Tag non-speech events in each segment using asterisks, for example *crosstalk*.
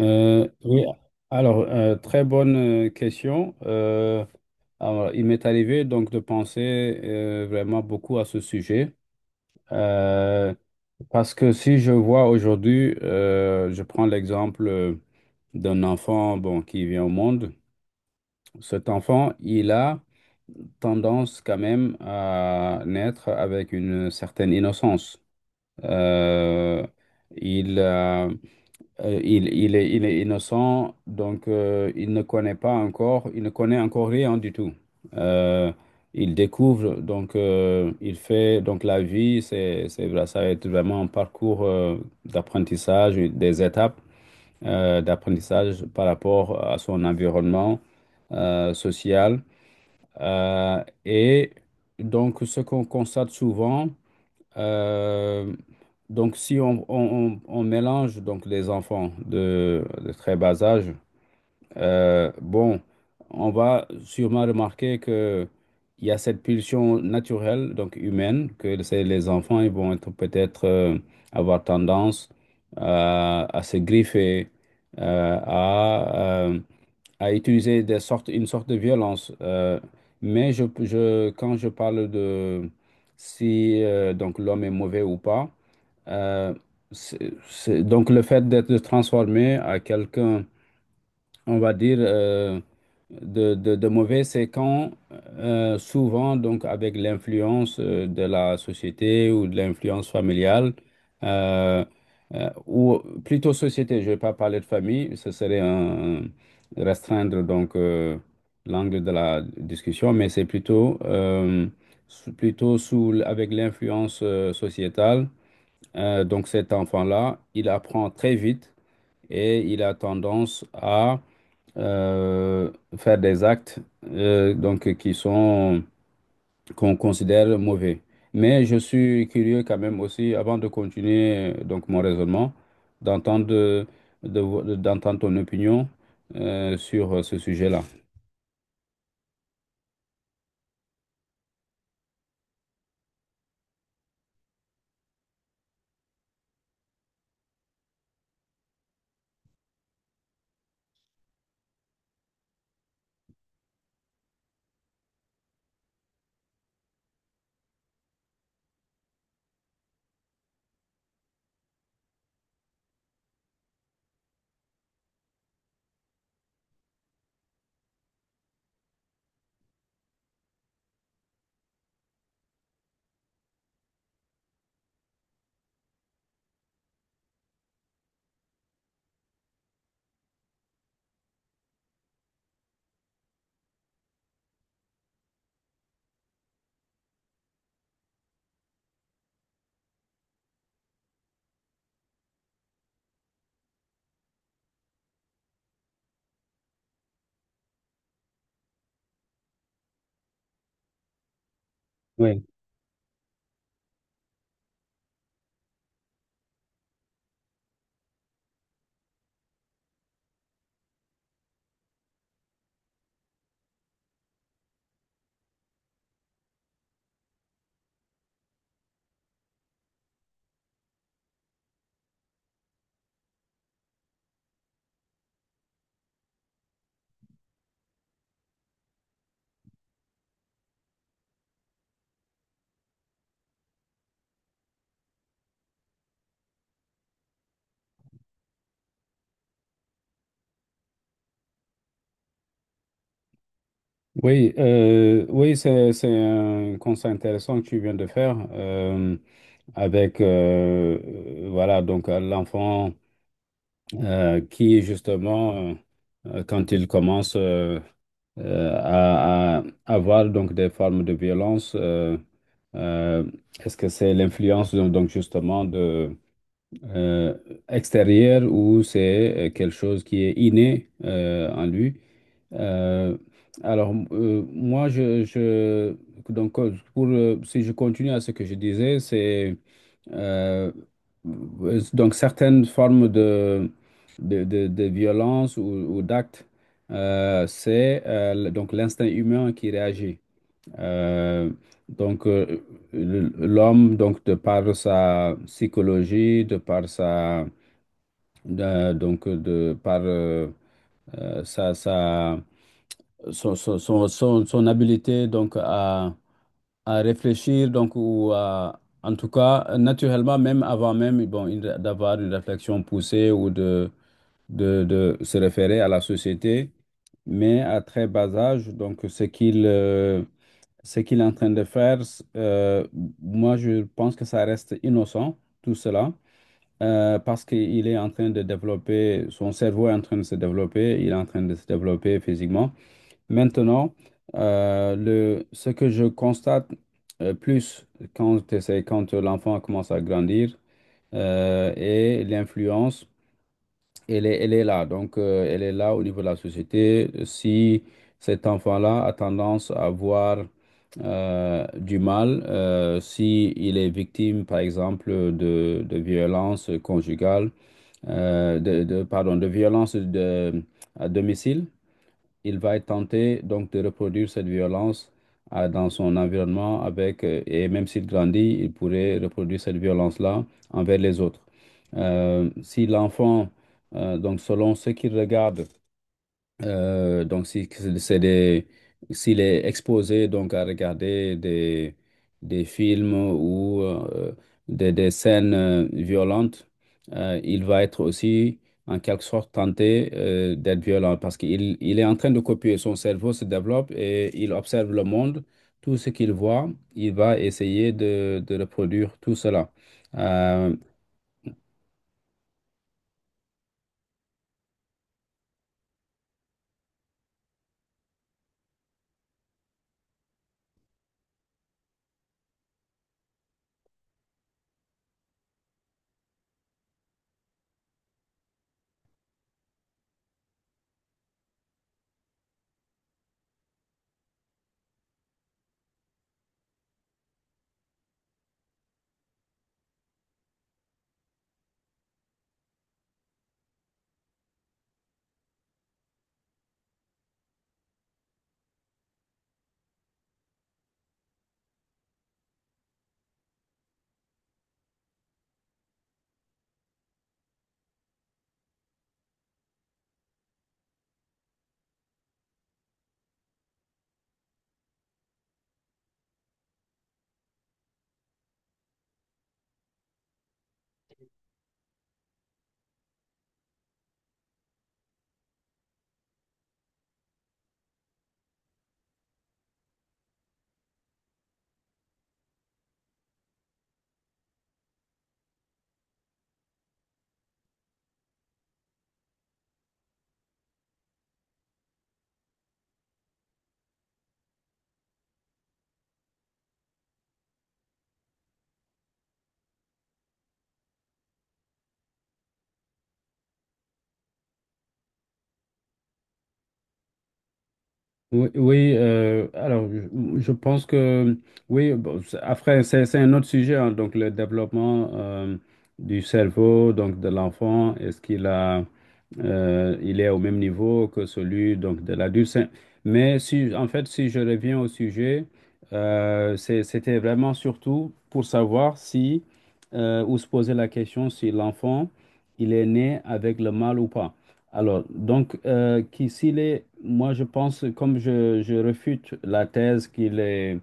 Oui, alors, très bonne question. Alors, il m'est arrivé donc de penser vraiment beaucoup à ce sujet. Euh, Parce que si je vois aujourd'hui, je prends l'exemple d'un enfant bon, qui vient au monde. Cet enfant, il a tendance quand même à naître avec une certaine innocence. Euh, il a il est innocent, donc il ne connaît pas encore, il ne connaît encore rien du tout. Euh, il découvre, donc il fait, donc la vie, vrai, ça va être vraiment un parcours d'apprentissage, des étapes d'apprentissage par rapport à son environnement social. Et donc ce qu'on constate souvent, euh, donc, si on mélange donc les enfants de très bas âge, bon, on va sûrement remarquer que il y a cette pulsion naturelle, donc humaine, que c'est les enfants, ils vont être peut-être avoir tendance à se griffer, euh, à euh, à utiliser des sortes, une sorte de violence. Mais quand je parle de si donc l'homme est mauvais ou pas, euh, c'est- donc le fait d'être transformé à quelqu'un on va dire, de mauvais, c'est quand souvent, donc avec l'influence de la société ou de l'influence familiale, euh, ou plutôt société, je ne vais pas parler de famille, ce serait un- restreindre donc l'angle de la discussion, mais c'est plutôt, sous- plutôt sous, l- avec l'influence sociétale. Donc cet enfant-là, il apprend très vite et il a tendance à faire des actes donc qui sont qu'on considère mauvais. Mais je suis curieux quand même aussi, avant de continuer donc mon raisonnement, d'entendre de, de vo- d'entendre ton opinion sur ce sujet-là. Oui. Oui, c'est un constat intéressant que tu viens de faire avec voilà donc l'enfant qui justement quand il commence à avoir donc des formes de violence. Euh, Est-ce que c'est l'influence donc justement de euh, extérieure ou c'est quelque chose qui est inné en lui? Euh, alors, moi, je- donc, pour, si je continue à ce que je disais, c'est euh, donc certaines formes de violence ou d'actes, c'est le- donc l'instinct humain qui réagit. Euh, donc, euh, le- l'homme, donc, de par sa psychologie, de par sa, de- donc, de par sa son habileté donc à réfléchir donc ou à, en tout cas naturellement même avant même bon une- d'avoir une réflexion poussée ou de, de se référer à la société mais à très bas âge donc ce qu'il est en train de faire euh, moi je pense que ça reste innocent tout cela parce qu'il est en train de développer son cerveau est en train de se développer il est en train de se développer physiquement. Maintenant, le, ce que je constate plus quand, c'est quand l'enfant commence à grandir et l'influence, elle est là. Donc, elle est là au niveau de la société. Si cet enfant-là a tendance à voir du mal, si il est victime, par exemple, de violences conjugales, de- pardon, de violences à domicile, il va être tenté donc de reproduire cette violence dans son environnement avec, et même s'il grandit, il pourrait reproduire cette violence-là envers les autres. Si l'enfant, donc selon ce qu'il regarde, donc, si, c'est des, s'il est exposé donc à regarder des films ou des scènes violentes, il va être aussi en quelque sorte tenté d'être violent parce qu'il il est en train de copier. Son cerveau se développe et il observe le monde. Tout ce qu'il voit, il va essayer de reproduire tout cela. Euh, Oui, alors je pense que oui, bon, c'est- après c'est un autre sujet, hein, donc le développement du cerveau donc de l'enfant, est-ce qu'il a il est au même niveau que celui donc de l'adulte? C'est- mais si en fait si je reviens au sujet, c'est- c'était vraiment surtout pour savoir si ou se poser la question si l'enfant il est né avec le mal ou pas. Alors, donc, qui- s'il est, moi je pense, comme je réfute la thèse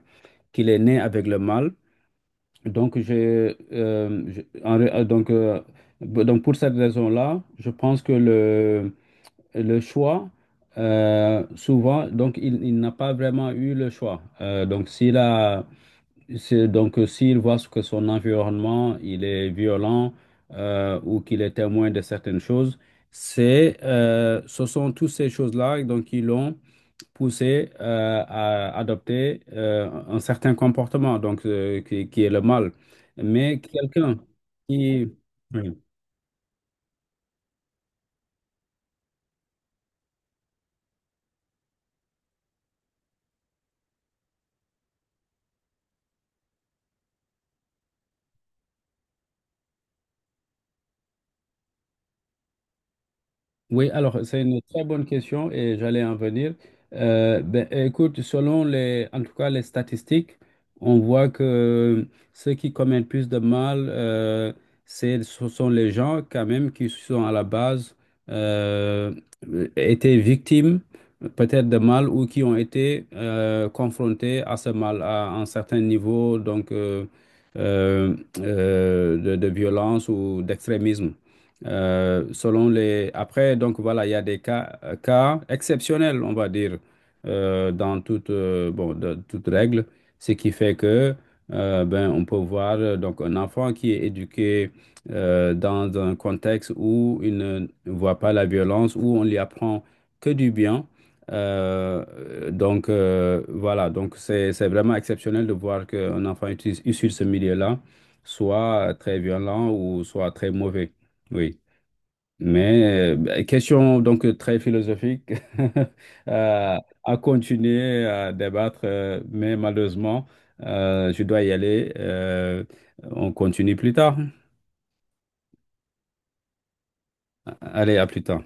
qu'il est né avec le mal, donc, je- en ré- b- donc pour cette raison-là, je pense que le choix, souvent, donc il n'a pas vraiment eu le choix. Donc, s'il a, c'est donc s'il voit que son environnement il est violent ou qu'il est témoin de certaines choses, c'est ce sont toutes ces choses-là donc qui l'ont poussé à adopter un certain comportement donc qui est le mal. Mais quelqu'un qui... Oui. Oui, alors c'est une très bonne question et j'allais en venir. Ben, écoute, selon les, en tout cas les statistiques, on voit que ceux qui commettent plus de mal, c'est, ce sont les gens quand même qui sont à la base euh, étaient victimes peut-être de mal ou qui ont été confrontés à ce mal à un certain niveau donc de violence ou d'extrémisme. Selon les... Après, donc voilà, il y a des cas, cas exceptionnels, on va dire, dans toute, bon, de- toute règle, ce qui fait que ben, on peut voir donc, un enfant qui est éduqué dans un contexte où il ne voit pas la violence, où on lui apprend que du bien. Voilà, donc c'est vraiment exceptionnel de voir qu'un enfant issu de ce milieu-là soit très violent ou soit très mauvais. Oui. Mais question donc très philosophique *laughs* euh, à continuer à débattre, mais malheureusement, je dois y aller. On continue plus tard. Allez, à plus tard.